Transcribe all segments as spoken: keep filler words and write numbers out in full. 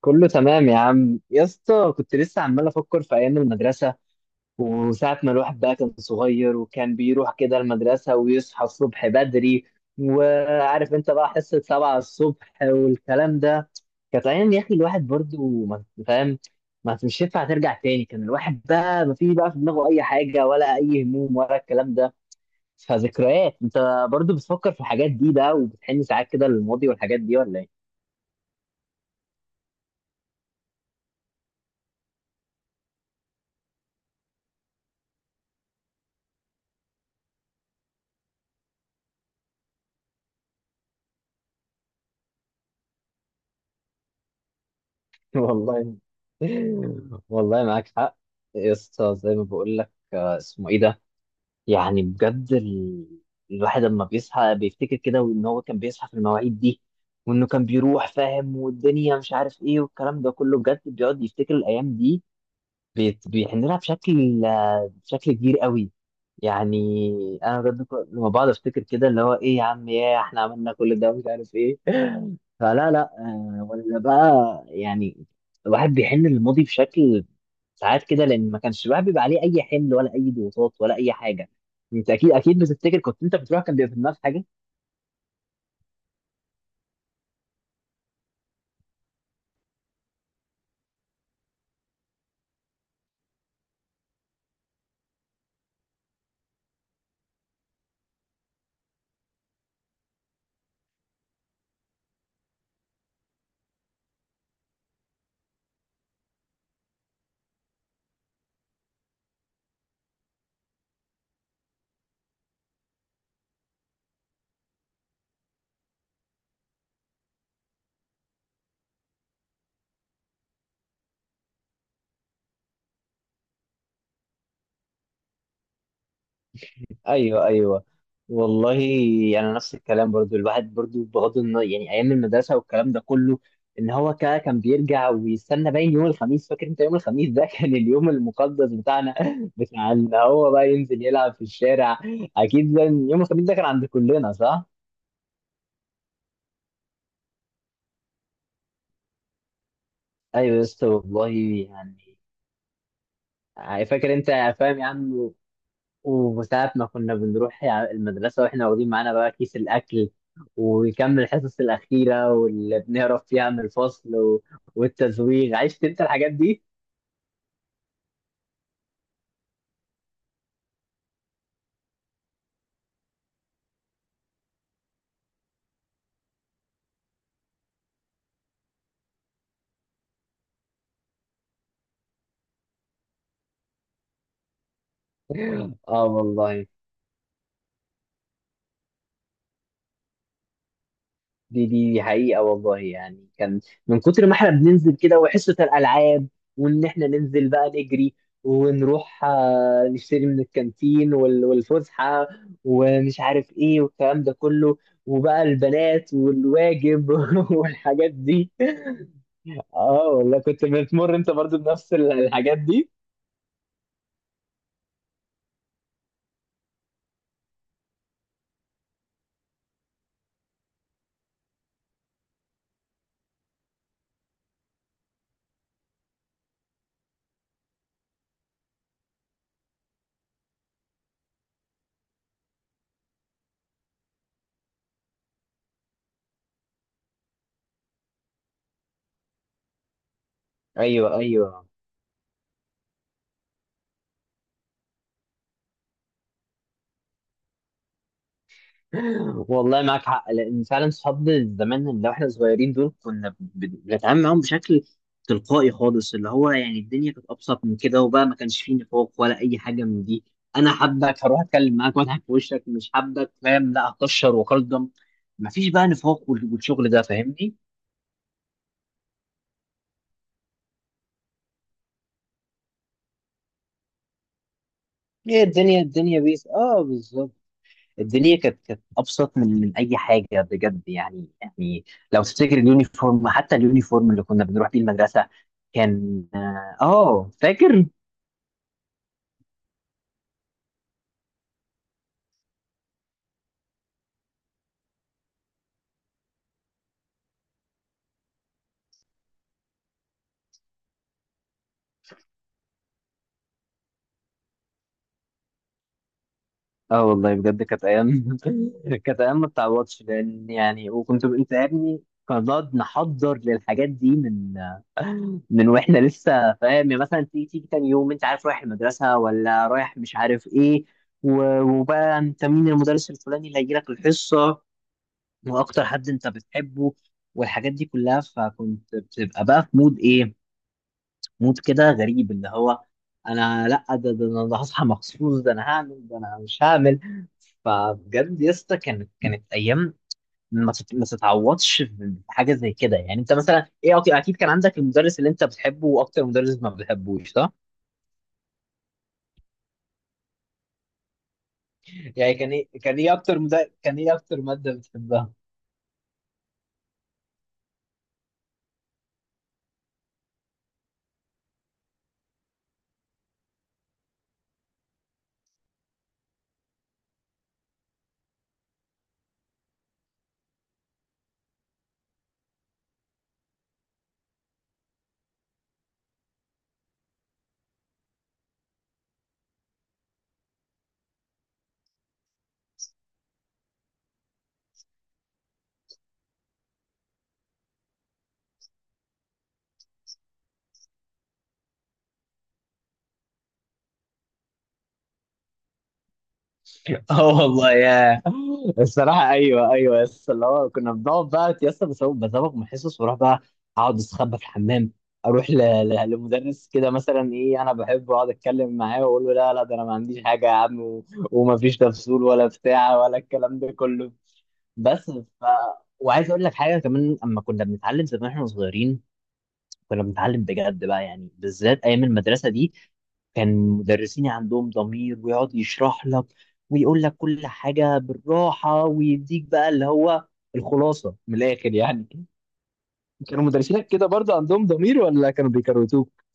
كله تمام يا عم يا اسطى. كنت لسه عمال افكر في ايام المدرسه وساعه ما الواحد بقى كان صغير وكان بيروح كده المدرسه ويصحى الصبح بدري. وعارف انت بقى حصه سبعة الصبح والكلام ده. كانت ايام يا اخي، الواحد برضو ما فاهم. ما مش ينفع ترجع تاني، كان الواحد بقى ما في بقى في دماغه اي حاجه ولا اي هموم ولا الكلام ده. فذكريات، انت برضو بتفكر في الحاجات دي بقى وبتحن ساعات كده للماضي والحاجات دي ولا ايه؟ والله. والله معاك حق يا اسطى. زي ما بقول لك آه، اسمه ايه ده؟ يعني بجد ال... الواحد لما بيصحى بيفتكر كده وان هو كان بيصحى في المواعيد دي، وانه كان بيروح فاهم والدنيا مش عارف ايه والكلام ده كله. بجد بيقعد يفتكر الايام دي. بيت بي- احنا بنلعب بشكل، آه، بشكل كبير قوي يعني. انا بجد ك- لما بقعد افتكر كده اللي هو ايه يا عم، يا احنا عملنا كل ده مش عارف ايه فلا لا آه، ولا بقى يعني. الواحد بيحن للماضي بشكل ساعات كده، لان ما كانش الواحد بيبقى عليه اي حمل ولا اي ضغوطات ولا اي حاجه. انت اكيد اكيد بتفتكر كنت انت بتروح كان بيبقى في دماغك. ايوه ايوه والله. يعني نفس الكلام برضو، الواحد برضو بغض النظر يعني ايام المدرسه والكلام ده كله. ان هو كا- كان بيرجع ويستنى باين يوم الخميس. فاكر انت يوم الخميس ده؟ كان اليوم المقدس بتاعنا، بتاع ان هو بقى ينزل يلعب في الشارع. اكيد ده، يوم الخميس ده كان عند كلنا، صح؟ ايوه يا اسطى والله. يعني فاكر انت فاهم يعني، وساعة ما كنا بنروح يع- المدرسة واحنا واخدين معانا بقى كيس الأكل وكم الحصص الأخيرة واللي بنهرب فيها من الفصل و... والتزويغ. عشت أنت الحاجات دي؟ آه والله. دي دي دي حقيقة والله. يعني كان من كتر ما احنا بننزل كده وحصة الألعاب وإن احنا ننزل بقى نجري ونروح آه، نشتري من الكانتين وال... والفسحة ومش عارف إيه والكلام ده كله، وبقى البنات والواجب والحاجات دي. اه والله، كنت بتمر انت برضو بنفس ال- الحاجات دي. ايوه ايوه والله معاك حق. لان فعلا صحاب زمان، اللي احنا صغيرين دول، كنا بن- بنتعامل معاهم بشكل تلقائي خالص. اللي هو يعني الدنيا كانت ابسط من كده، وبقى ما كانش فيه نفاق ولا اي حاجه من دي. انا حابك هروح اتكلم معاك واضحك في وشك، مش حابك فاهم لا هكشر واقدم. مفيش بقى نفاق وال- والشغل ده فاهمني. هي الدنيا، الدنيا بيس اه، بالظبط. الدنيا كانت كانت ابسط من من اي حاجه بجد يعني يعني. لو تفتكر اليونيفورم، حتى اليونيفورم اللي كنا بنروح بيه المدرسه، كان اه آه، فاكر. اه والله بجد، كانت ايام كانت ايام ما بتعوضش. لان يعني وكنت انت يا ابني كنا بنقعد نحضر للحاجات دي من من واحنا لسه فاهم يعني. مثلا تيجي تيجي تاني يوم انت عارف رايح المدرسه ولا رايح مش عارف ايه، و- وبقى انت مين المدرس الفلاني اللي هيجي لك الحصه، واكتر حد انت بتحبه، والحاجات دي كلها. فكنت بتبقى بقى في مود ايه، مود كده غريب، اللي هو انا لا ده ده انا هصحى مخصوص، ده انا هعمل، ده انا مش هعمل. فبجد يا اسطى، كانت كانت ايام ما تت- ما تتعوضش. في حاجه زي كده يعني، انت مثلا ايه أك- اكيد كان عندك المدرس اللي انت بتحبه واكتر مدرس ما بتحبوش، صح؟ يعني كان ايه، كان ايه اكتر مدرس، كان ايه اكتر ماده بتحبها؟ اه والله يا، الصراحه ايوه ايوه. بس اللي هو كنا بنقعد بقى يا اسطى بسو- بزوغ من الحصص، واروح بقى اقعد استخبى في الحمام، اروح ل... ل... لمدرس كده مثلا ايه انا بحبه، اقعد اتكلم معاه واقول له لا لا ده انا ما عنديش حاجه يا عم و... ومفيش تفصيل ولا بتاع ولا الكلام ده كله. بس ف... وعايز اقول لك حاجه كمان. اما كنا بنتعلم زمان واحنا صغيرين، كنا بنتعلم بجد بقى يعني، بالذات ايام المدرسه دي. كان مدرسيني عندهم ضمير ويقعد يشرح لك ويقول لك كل حاجه بالراحه ويديك بقى اللي هو الخلاصه من الاخر يعني. كانوا مدرسينك كده برضه عندهم ضمير ولا كانوا بيكروتوك؟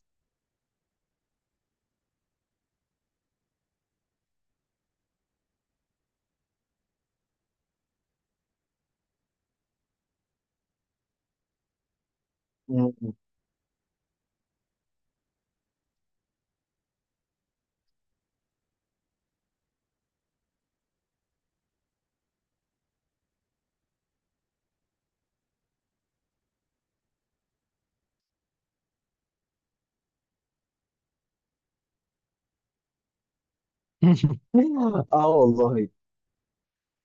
مم. اه والله.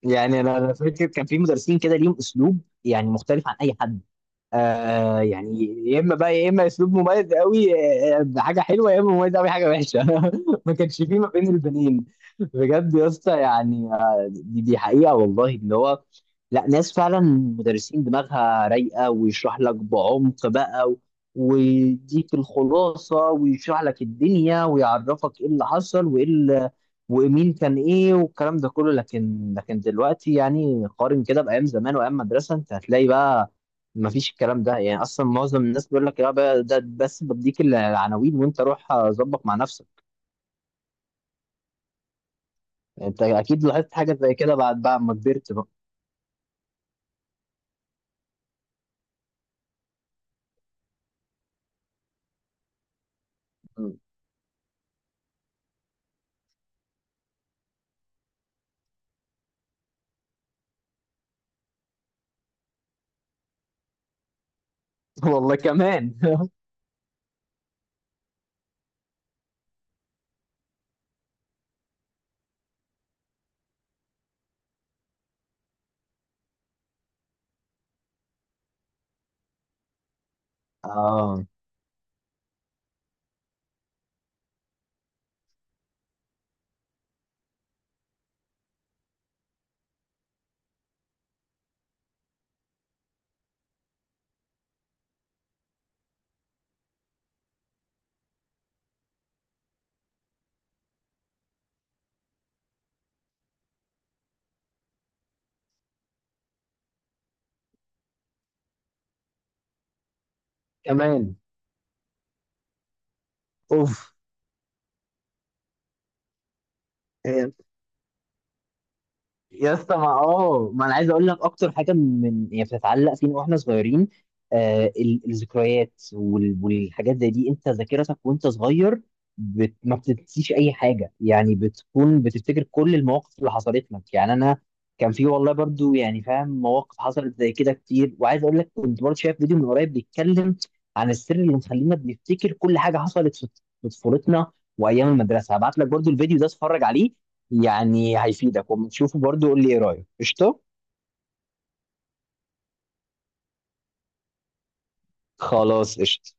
يعني انا أنا فاكر كان في مدرسين كده ليهم اسلوب يعني مختلف عن اي حد آه يعني. يا اما بقى يا اما اسلوب مميز قوي آه، آه، حاجه حلوه، يا اما مميز قوي حاجه وحشه ما كانش فيه ما بين البنين. بجد يا اسطى يعني آه، دي, دي حقيقه والله. ان هو لا، ناس فعلا مدرسين دماغها رايقه ويشرح لك بعمق بقى و- ويديك الخلاصه ويشرح لك الدنيا ويعرفك ايه اللي حصل وايه اللي ومين كان ايه والكلام ده كله. لكن لكن دلوقتي يعني، قارن كده بايام زمان وايام مدرسه، انت هتلاقي بقى ما فيش الكلام ده يعني. اصلا معظم الناس بيقول لك يا بقى ده بس بديك العناوين وانت روح ظبط مع نفسك. انت اكيد لاحظت حاجه زي كده بعد بعد ما كبرت بقى. والله كمان اه كمان. اوف. يا اسطى ما اه ما انا عايز اقول لك اكتر حاجه من هي بتتعلق فينا واحنا صغيرين، آه ال- الذكريات وال- والحاجات زي دي. انت ذاكرتك وانت صغير بت... ما بتنسيش اي حاجه، يعني بتكون بتفتكر كل المواقف اللي حصلت لك. يعني انا كان في والله برضو يعني فاهم مواقف حصلت زي كده كتير. وعايز اقول لك، كنت برضو شايف فيديو من قريب بيتكلم عن السر اللي مخلينا بنفتكر كل حاجه حصلت في في طفولتنا وايام المدرسه. هبعت لك برضو الفيديو ده اتفرج عليه، يعني هيفيدك. وما تشوفه برضه قول لي ايه رايك. قشطه؟ خلاص قشطه.